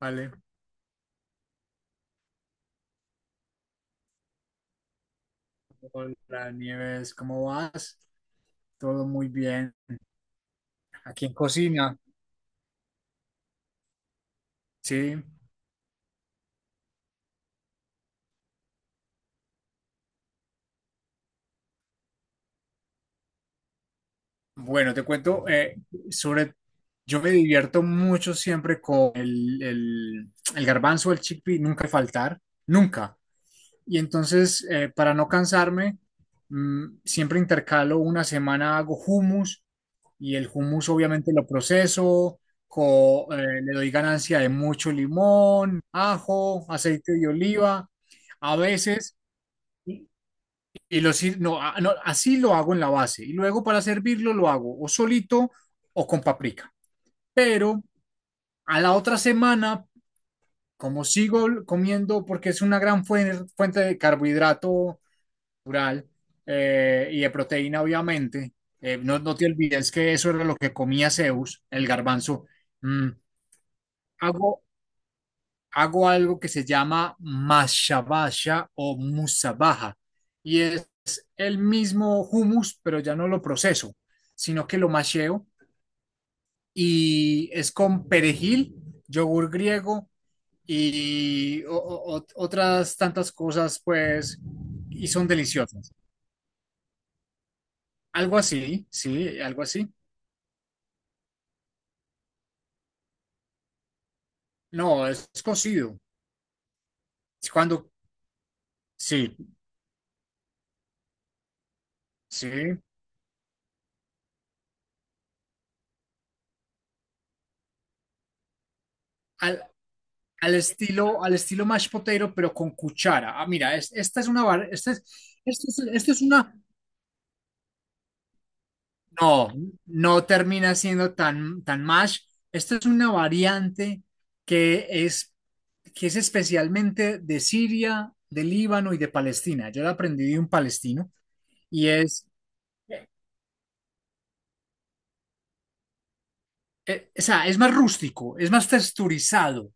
Vale, hola Nieves, ¿cómo vas? Todo muy bien. Aquí en cocina, sí. Bueno, te cuento sobre. Yo me divierto mucho siempre con el garbanzo, el chickpea, nunca faltar, nunca. Y entonces, para no cansarme, siempre intercalo una semana hago hummus y el hummus obviamente lo proceso, le doy ganancia de mucho limón, ajo, aceite de oliva, a veces, y, y no, no, así lo hago en la base. Y luego para servirlo lo hago o solito o con paprika. Pero a la otra semana, como sigo comiendo, porque es una gran fuente de carbohidrato, natural y de proteína, obviamente. No, no te olvides que eso era lo que comía Zeus, el garbanzo. Mm, hago, hago algo que se llama mashabasha o musabaja y es el mismo hummus, pero ya no lo proceso, sino que lo masheo y es con perejil, yogur griego y otras tantas cosas, pues, y son deliciosas. Algo así, sí, algo así. No, es cocido. Es cuando, sí, sí. Al, al estilo mashed potato, pero con cuchara. Ah, mira, esta es una bar, esta es una, no, no termina siendo tan, tan mash. Esta es una variante que es, que es especialmente de Siria, de Líbano y de Palestina. Yo la aprendí de un palestino y es, eh, o sea, es más rústico, es más texturizado.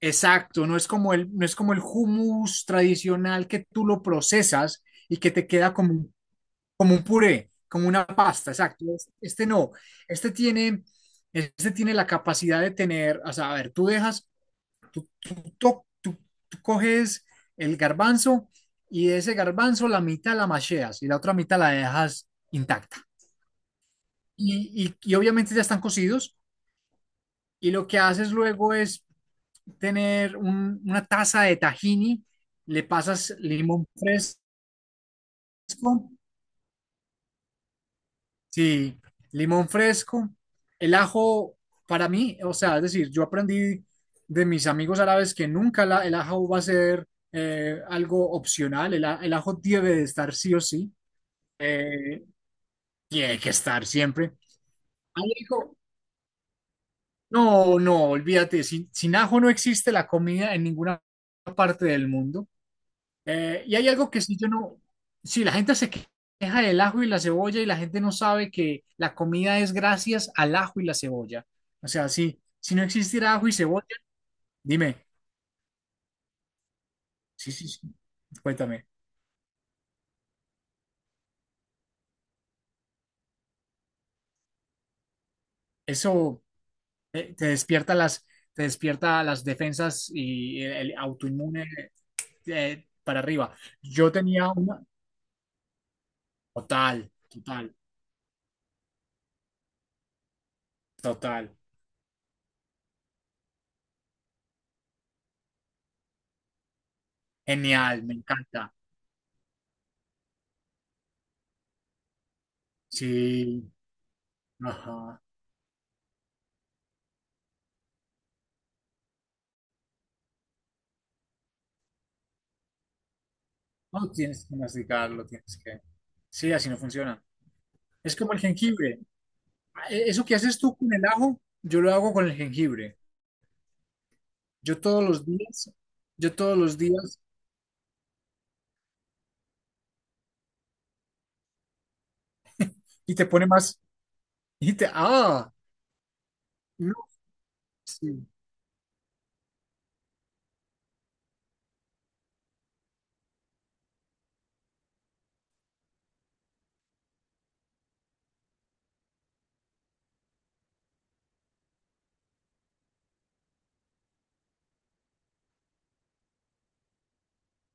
Exacto, no es como el, no es como el hummus tradicional que tú lo procesas y que te queda como, como un puré, como una pasta, exacto. Este no, este tiene, este tiene la capacidad de tener, o sea, a ver, tú dejas, tú to- tú- tú coges el garbanzo y de ese garbanzo la mitad la macheas y la otra mitad la dejas intacta. Y obviamente ya están cocidos y lo que haces luego es tener una taza de tahini, le pasas limón fresco, sí, limón fresco, el ajo para mí, o sea, es decir, yo aprendí de mis amigos árabes que nunca el ajo va a ser algo opcional, el ajo debe de estar sí o sí, eh, tiene que estar siempre. Alejo, no, no, olvídate, sin ajo no existe la comida en ninguna parte del mundo. Y hay algo que sí yo no, si la gente se queja del ajo y la cebolla y la gente no sabe que la comida es gracias al ajo y la cebolla. O sea, si no existiera ajo y cebolla, dime, sí, sí, sí, cuéntame, eso eh, te despierta las, te despierta las defensas y el autoinmune para arriba. Yo tenía una, total, total, total, genial, me encanta. Sí, ajá. No tienes que masticarlo, tienes que... Sí, así no funciona. Es como el jengibre. Eso que haces tú con el ajo, yo lo hago con el jengibre. Yo todos los días, yo todos los días, y te pone más, y te, ah, no, sí,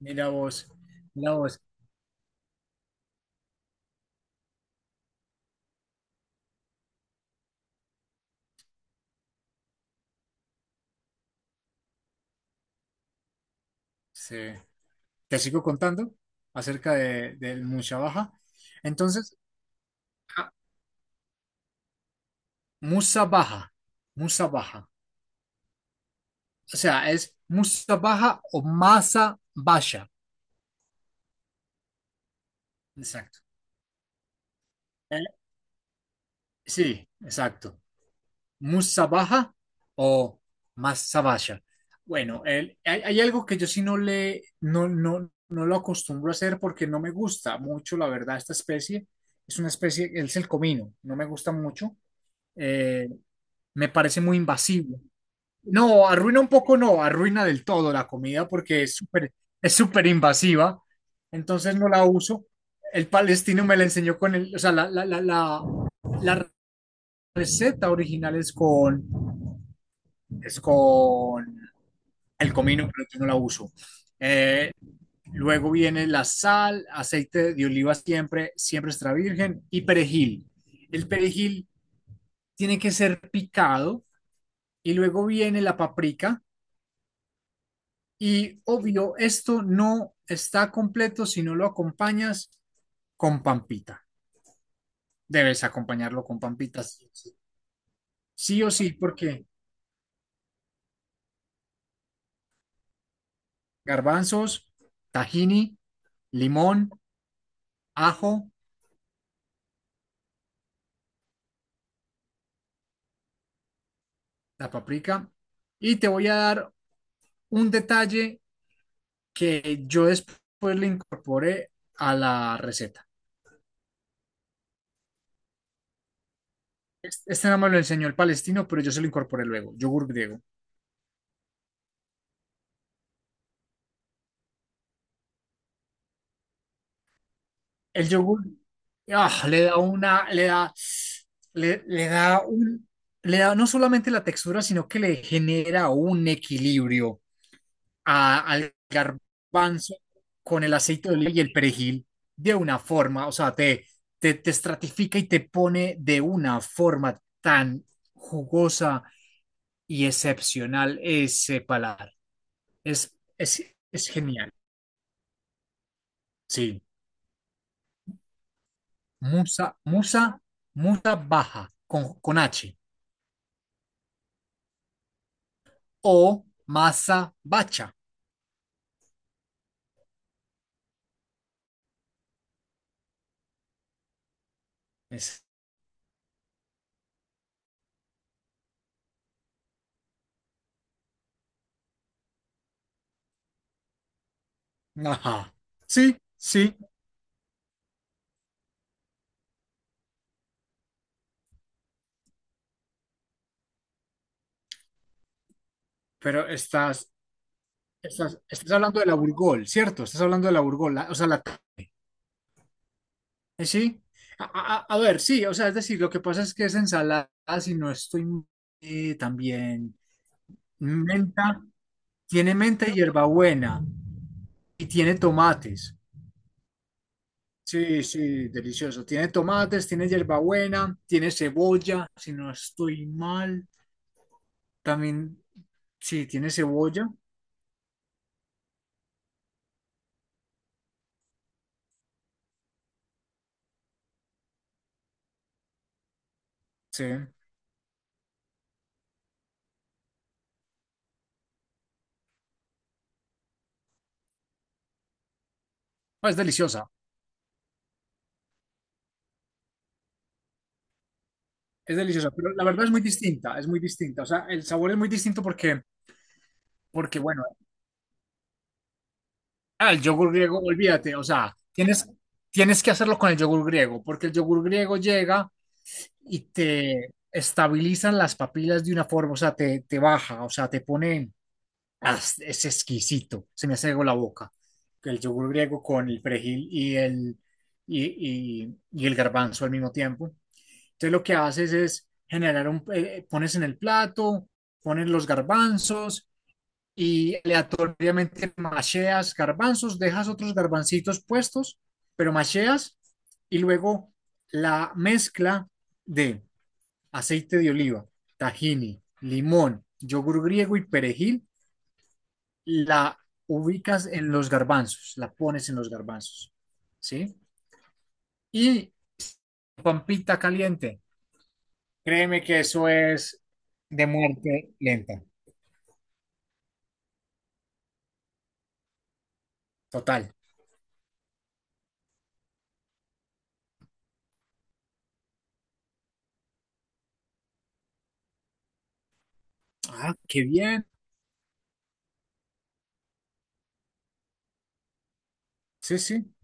mira vos, mira vos. Sí. Te sigo contando del musabaja. Entonces, ah, musabaja, musabaja. O sea, es musabaja o masa basha. Exacto. Eh, sí, exacto. Musabaja o Masabasha. Bueno, hay, hay algo que yo sí no, no, no lo acostumbro a hacer porque no me gusta mucho, la verdad, esta especie. Es una especie, es el comino, no me gusta mucho. Eh, me parece muy invasivo. No, arruina un poco, no, arruina del todo la comida porque es súper invasiva. Entonces no la uso. El palestino me la enseñó con el, o sea, la receta original es con el comino, pero yo no la uso. Eh, luego viene la sal, aceite de oliva siempre, siempre extra virgen y perejil. El perejil tiene que ser picado y luego viene la paprika y obvio, esto no está completo si no lo acompañas con pampita. Debes acompañarlo con pampitas. Sí, sí, sí o sí, porque garbanzos, tahini, limón, ajo, la paprika. Y te voy a dar un detalle que yo después le incorporé a la receta. Este no me lo enseñó el palestino, pero yo se lo incorporé luego, yogur griego. El yogur ah, le da una, le da, le da un, le da no solamente la textura, sino que le genera un equilibrio al garbanzo con el aceite de oliva y el perejil de una forma, o sea, te, te estratifica y te pone de una forma tan jugosa y excepcional ese paladar. Es, es, es genial. Sí. Musa, musa, musa baja con H o masa bacha. Es, ajá. Sí, sí, pero estás hablando de la Burgol, ¿cierto? Estás hablando de la Burgol, o sea, la tarde. Sí. A, a ver, sí, o sea, es decir, lo que pasa es que es ensalada, si no estoy también menta. Tiene menta y hierbabuena y tiene tomates. Sí, sí, delicioso. Tiene tomates, tiene hierbabuena, tiene cebolla, si no estoy mal. También, sí, tiene cebolla. Sí. Ah, es deliciosa, es deliciosa, pero la verdad es muy distinta, es muy distinta. O sea, el sabor es muy distinto porque, porque bueno, ah, el yogur griego, olvídate, o sea, tienes, tienes que hacerlo con el yogur griego, porque el yogur griego llega y te estabilizan las papilas de una forma, o sea, te baja, o sea, te pone, ah, es exquisito, se me hace agua la boca, el yogur griego con el perejil y y, y el garbanzo al mismo tiempo. Entonces lo que haces es generar un, pones en el plato, pones los garbanzos y aleatoriamente macheas garbanzos, dejas otros garbancitos puestos, pero macheas y luego la mezcla de aceite de oliva, tahini, limón, yogur griego y perejil, la ubicas en los garbanzos, la pones en los garbanzos, ¿sí? Y pampita caliente, créeme que eso es de muerte lenta, total. Ah, qué bien, sí, sí,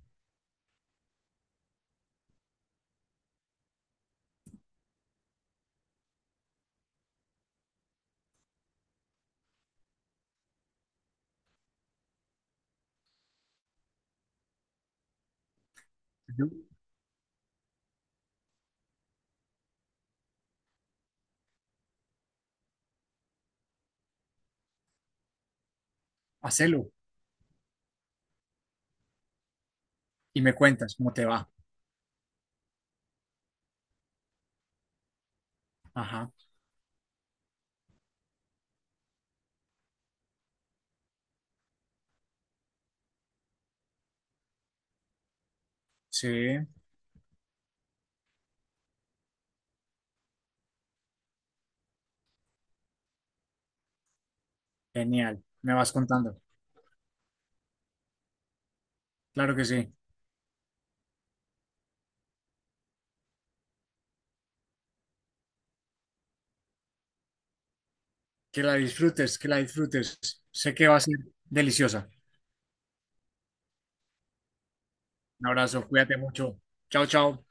Yo- hacelo y me cuentas cómo te va. Ajá, sí, genial, me vas contando, claro que sí, que la disfrutes, sé que va a ser deliciosa. Un abrazo, cuídate mucho. Chao, chao.